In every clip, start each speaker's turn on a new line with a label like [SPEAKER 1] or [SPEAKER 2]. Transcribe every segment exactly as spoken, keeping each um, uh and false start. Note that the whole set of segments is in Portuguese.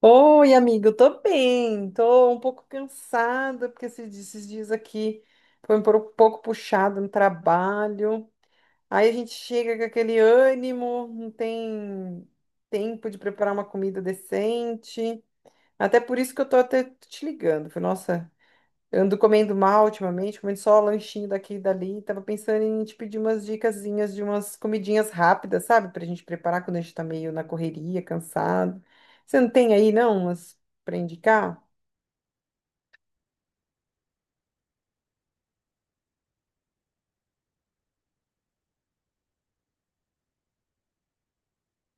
[SPEAKER 1] Oi, amigo, eu tô bem, tô um pouco cansada, porque esses di- esses dias aqui foi um pro- pouco puxado no trabalho. Aí a gente chega com aquele ânimo, não tem tempo de preparar uma comida decente. Até por isso que eu tô até te ligando. Falei, nossa, eu ando comendo mal ultimamente, comendo só lanchinho daqui e dali. Tava pensando em te pedir umas dicasinhas de umas comidinhas rápidas, sabe? Pra gente preparar quando a gente tá meio na correria, cansado. Você não tem aí, não, umas pra indicar?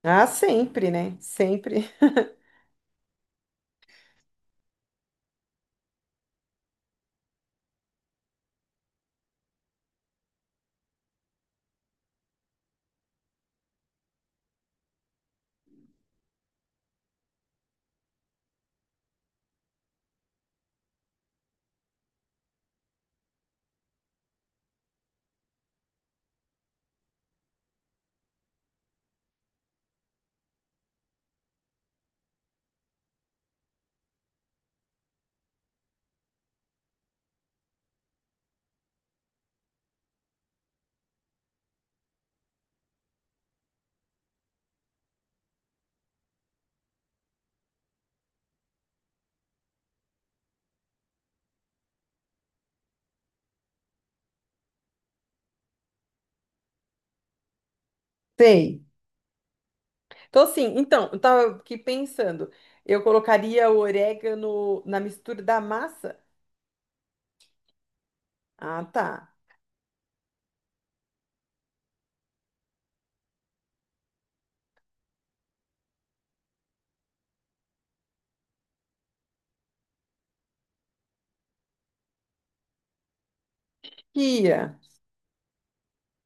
[SPEAKER 1] Ah, sempre, né? Sempre sei. Então, assim, então, eu tava aqui pensando. Eu colocaria o orégano na mistura da massa? Ah, tá. Chia.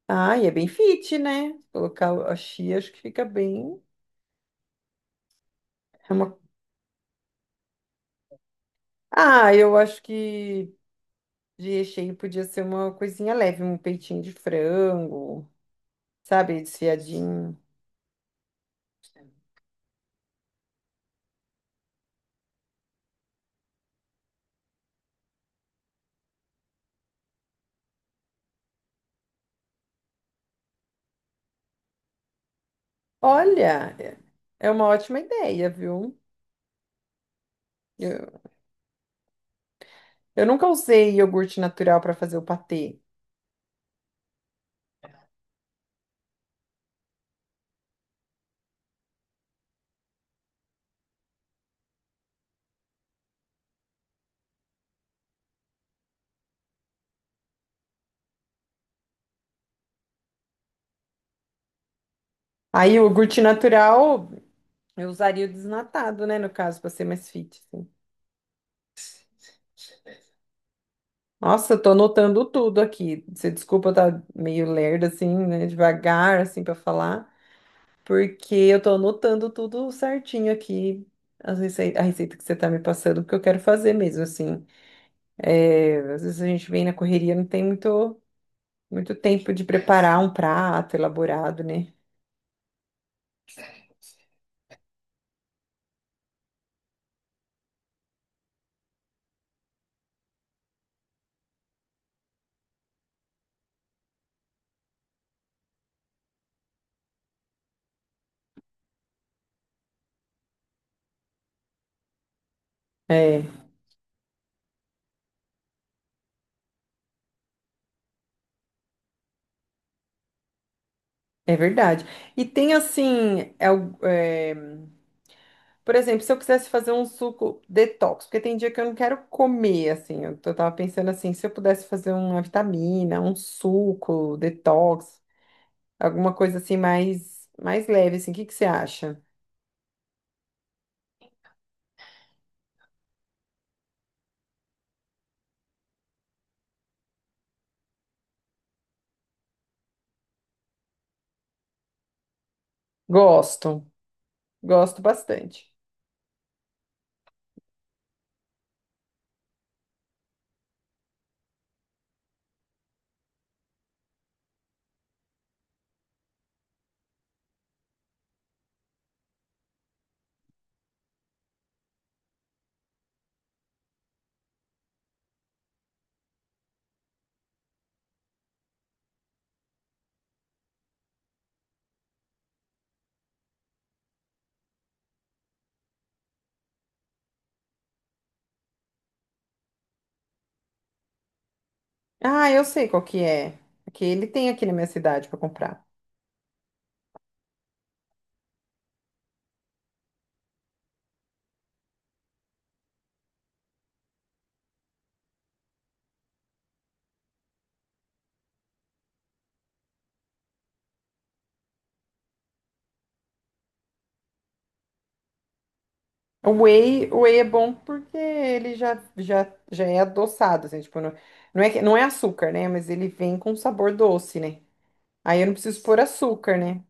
[SPEAKER 1] Ah, e é bem fit, né? Colocar a chia, acho que fica bem. É uma, ah, eu acho que de recheio podia ser uma coisinha leve, um peitinho de frango, sabe, desfiadinho. Olha, é é uma ótima ideia, viu? Eu, eu nunca usei iogurte natural para fazer o patê. Aí o iogurte natural eu usaria o desnatado, né, no caso, para ser mais fit, assim. Nossa, eu tô anotando tudo aqui. Você desculpa eu tá meio lerda assim, né, devagar assim para falar. Porque eu tô anotando tudo certinho aqui, as recei- a receita que você tá me passando, porque eu quero fazer mesmo, assim. É, às vezes a gente vem na correria, não tem muito, muito tempo de preparar um prato elaborado, né? É, é verdade. E tem assim, é o- é, por exemplo, se eu quisesse fazer um suco detox, porque tem dia que eu não quero comer, assim, eu tô- tava pensando assim, se eu pudesse fazer uma vitamina, um suco detox, alguma coisa assim mais mais leve, assim, o que que você acha? Gosto, gosto bastante. Ah, eu sei qual que é. Que ele tem aqui na minha cidade para comprar. O whey, o whey é bom porque ele já, já, já é adoçado, assim, tipo, não, não é, que- não é açúcar, né? Mas ele vem com sabor doce, né? Aí eu não preciso pôr açúcar, né?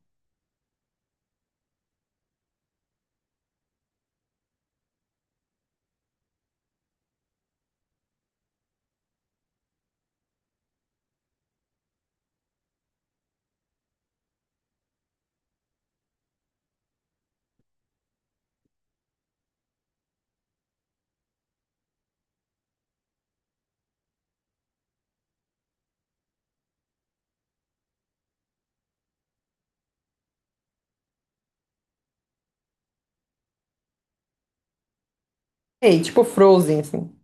[SPEAKER 1] Ei, tipo frozen, assim.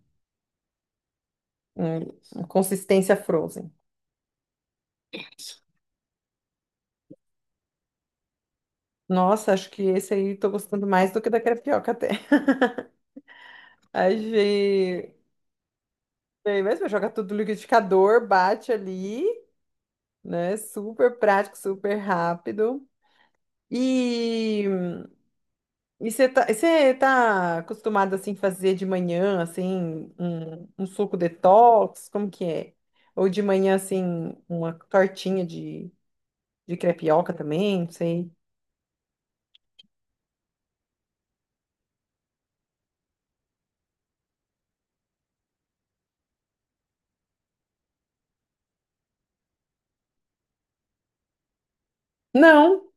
[SPEAKER 1] Hum, consistência frozen. Nossa, acho que esse aí tô gostando mais do que da crepioca até. Achei. Bem, mas joga tudo no liquidificador, bate ali, né? Super prático, super rápido. E e você tá, você tá acostumado assim fazer de manhã assim um, um suco detox, como que é? Ou de manhã assim uma tortinha de, de crepioca também, não sei. Não.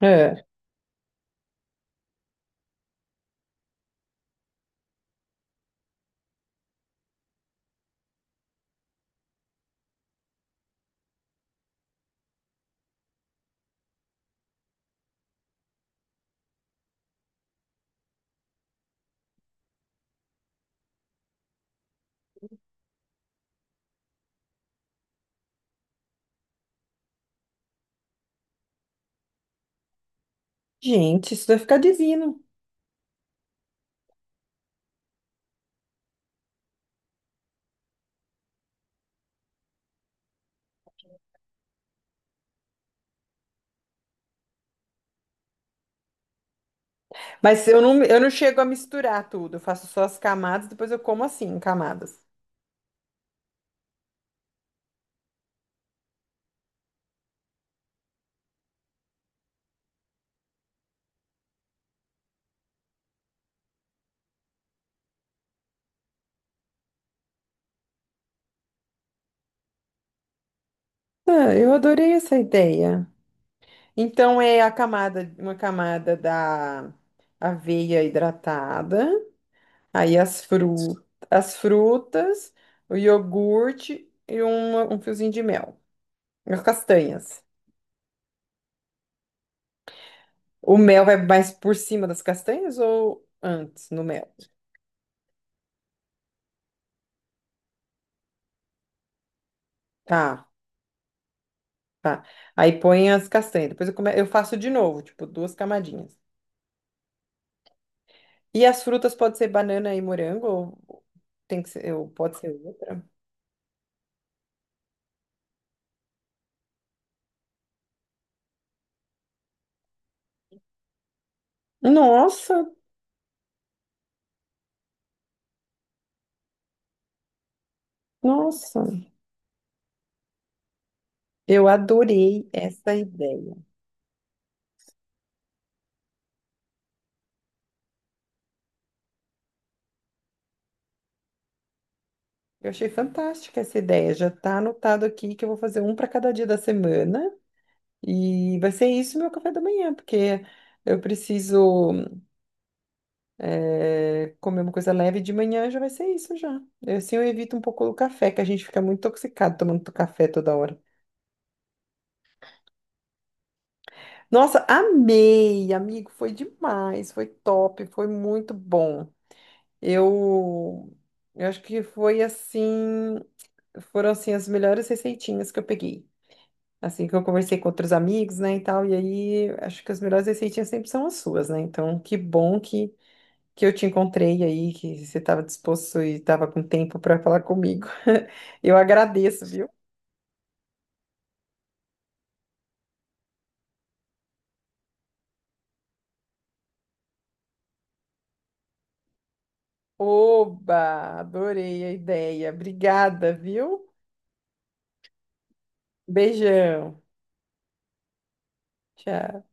[SPEAKER 1] É. Gente, isso vai ficar divino. Mas eu não, eu não chego a misturar tudo, eu faço só as camadas, depois eu como assim, em camadas. Ah, eu adorei essa ideia. Então é a camada, uma camada da aveia hidratada, aí as frutas, as frutas, o iogurte e um, um fiozinho de mel. As castanhas. O mel vai mais por cima das castanhas ou antes no mel? Tá, tá. Aí põe as castanhas. Depois eu, come... eu faço de novo, tipo, duas camadinhas. E as frutas pode ser banana e morango, ou tem que ser, ou pode ser outra. Nossa, nossa. Eu adorei essa ideia. Eu achei fantástica essa ideia. Já está anotado aqui que eu vou fazer um para cada dia da semana e vai ser isso meu café da manhã, porque eu preciso eh, comer uma coisa leve de manhã, já vai ser isso já. Eu, assim eu evito um pouco o café, que a gente fica muito intoxicado tomando café toda hora. Nossa, amei, amigo, foi demais, foi top, foi muito bom. Eu, eu acho que foi assim. Foram assim as melhores receitinhas que eu peguei. Assim que eu conversei com outros amigos, né, e tal, e aí acho que as melhores receitinhas sempre são as suas, né? Então, que bom que que eu te encontrei aí, que você estava disposto e estava com tempo para falar comigo. Eu agradeço, viu? Oba, adorei a ideia. Obrigada, viu? Beijão. Tchau.